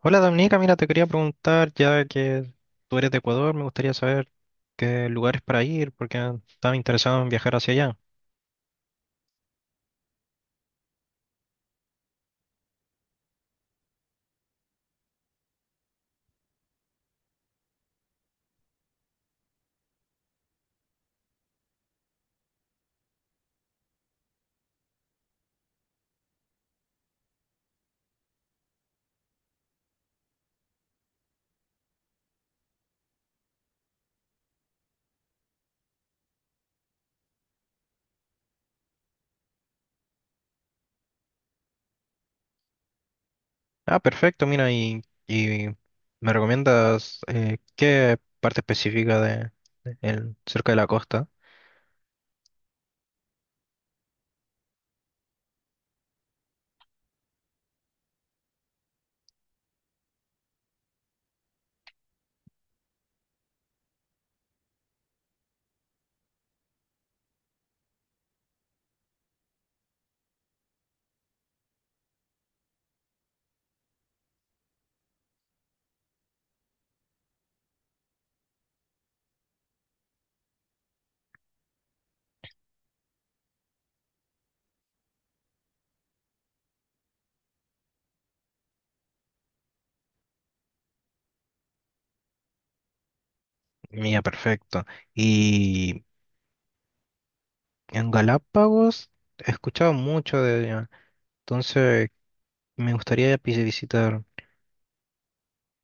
Hola Dominica, mira, te quería preguntar, ya que tú eres de Ecuador. Me gustaría saber qué lugares para ir, porque estaba interesado en viajar hacia allá. Ah, perfecto, mira, y me recomiendas qué parte específica cerca de la costa. Mira, perfecto. Y en Galápagos he escuchado mucho entonces me gustaría visitar.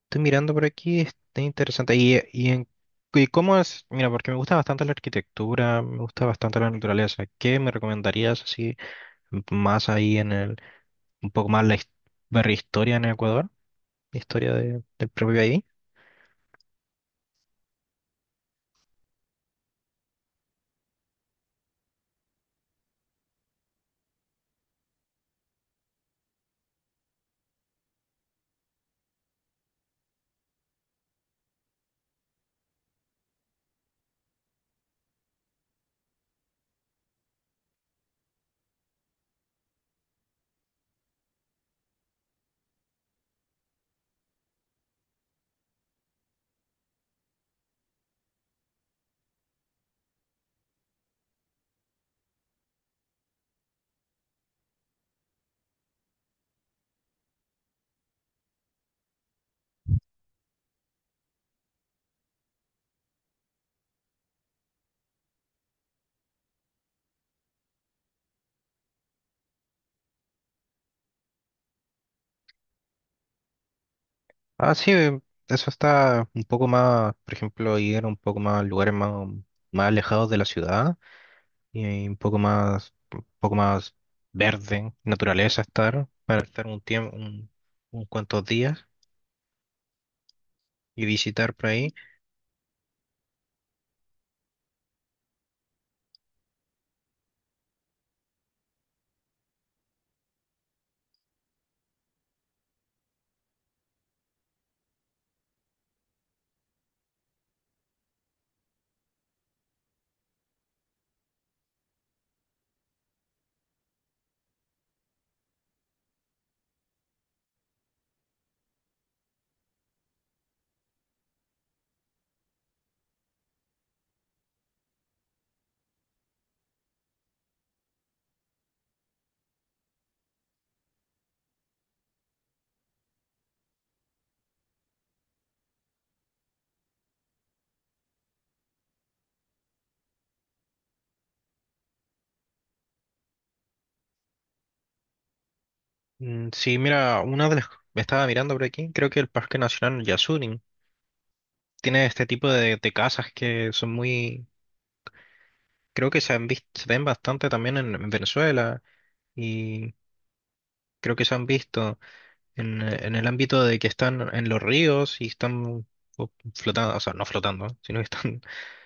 Estoy mirando por aquí, está interesante. Y cómo es, mira, porque me gusta bastante la arquitectura, me gusta bastante la naturaleza. ¿Qué me recomendarías así más ahí un poco más ver historia en Ecuador? La historia del propio país. Ah, sí, eso está un poco más, por ejemplo, ir un poco más a más alejados de la ciudad. Y ahí un poco más verde, naturaleza estar, para estar un cuantos días y visitar por ahí. Sí, mira, me estaba mirando por aquí, creo que el Parque Nacional Yasuní tiene este tipo de casas que son muy, creo que se han visto, se ven bastante también en Venezuela, y creo que se han visto en el ámbito de que están en los ríos y están flotando, o sea, no flotando, sino que están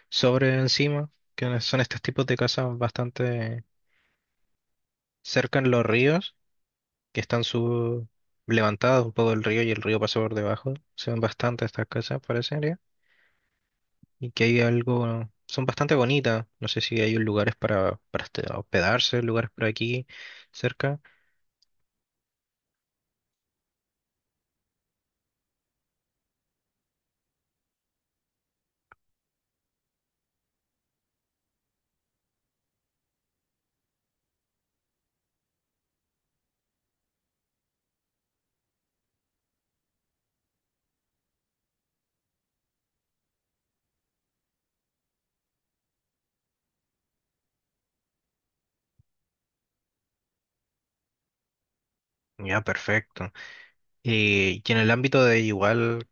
sobre encima, que no son estos tipos de casas bastante cerca en los ríos, que están sub levantados un poco del río, y el río pasa por debajo. Se ven bastante estas casas, parecería. Y que hay algo, son bastante bonitas. No sé si hay lugares para hospedarse, lugares por aquí cerca. Ya, perfecto. Y en el ámbito de igual,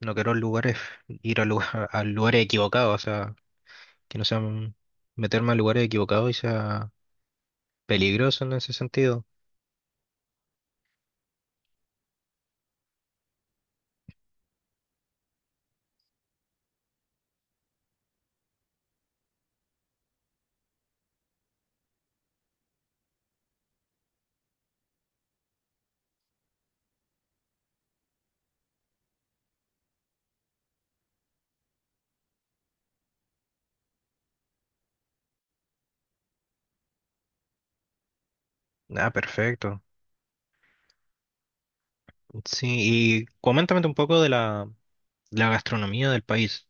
no quiero lugares, a lugares equivocados, o sea, que no sean meterme a lugares equivocados y sea peligroso en ese sentido. Ah, perfecto. Sí, y coméntame un poco la gastronomía del país.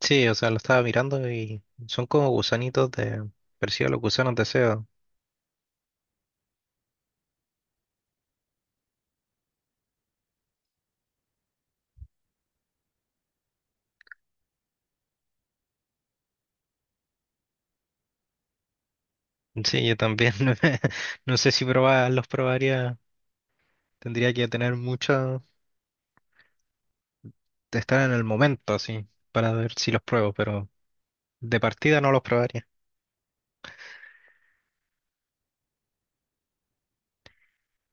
Sí, o sea, lo estaba mirando y son como gusanitos de, parecido a los gusanos de SEO. Sí, yo también. No sé si probar, los probaría. Tendría que tener mucho, de estar en el momento así, para ver si los pruebo, pero de partida no los probaría.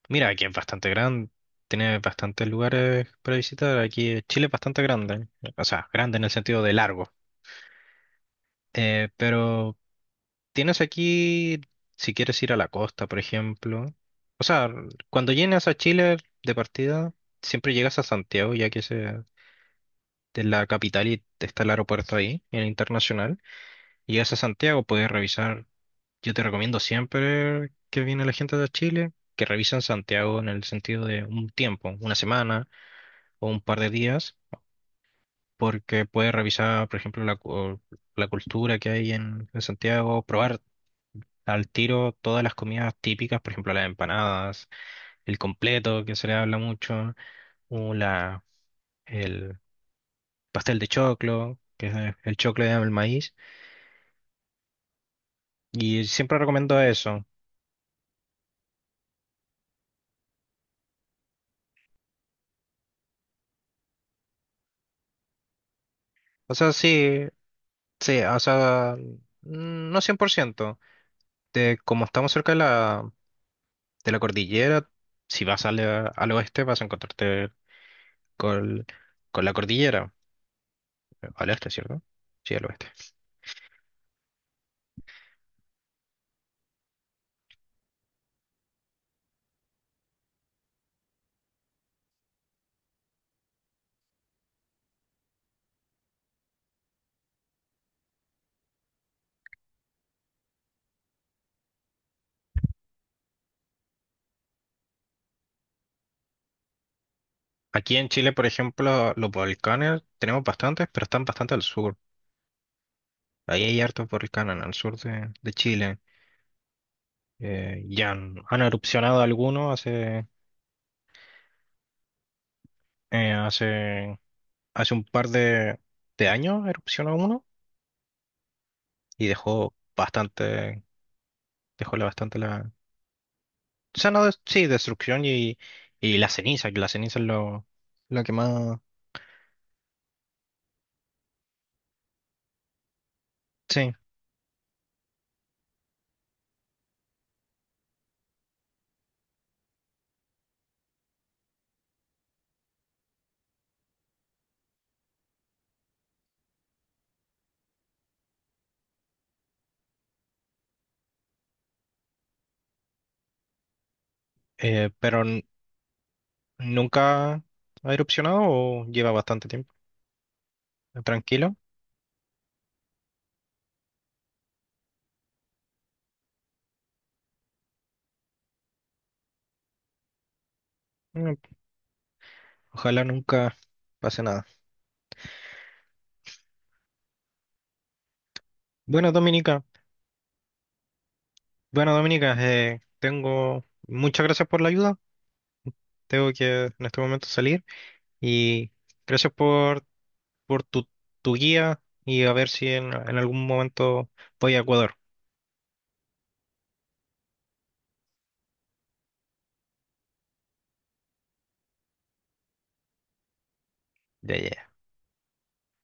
Mira, aquí es bastante grande, tiene bastantes lugares para visitar. Aquí Chile es bastante grande, o sea, grande en el sentido de largo. Eh, pero Tienes aquí, si quieres ir a la costa, por ejemplo. O sea, cuando llegas a Chile de partida, siempre llegas a Santiago, ya que ese es la capital y está el aeropuerto ahí, el internacional. Llegas a Santiago, puedes revisar. Yo te recomiendo siempre que viene la gente de Chile, que revisen Santiago en el sentido de un tiempo, una semana o un par de días, porque puedes revisar, por ejemplo, la cultura que hay en Santiago, probar al tiro todas las comidas típicas, por ejemplo, las empanadas, el completo, que se le habla mucho, o la, el pastel de choclo, que es el choclo de el maíz, y siempre recomiendo eso. O sea, sí, sí, o sea, no cien por ciento. De, como estamos cerca de la cordillera, si vas al oeste vas a encontrarte con, con la cordillera, al este, ¿cierto? Sí, al oeste. Aquí en Chile, por ejemplo, los volcanes tenemos bastantes, pero están bastante al sur. Ahí hay hartos volcanes al sur de Chile. Han erupcionado algunos eh, hace, hace un par de años, erupcionó uno y dejó bastante, dejó bastante la... O sea, no, sí, destrucción y la ceniza, que la ceniza es lo que más... Sí, eh, pero n- nunca ha erupcionado o lleva bastante tiempo. Tranquilo. eh, Ojalá nunca pase nada. Bueno, Dominica, bueno, Dominica, tengo muchas gracias por la ayuda. Tengo que en este momento salir y gracias por tu guía, y a ver si en algún momento voy a Ecuador. Ya, ya.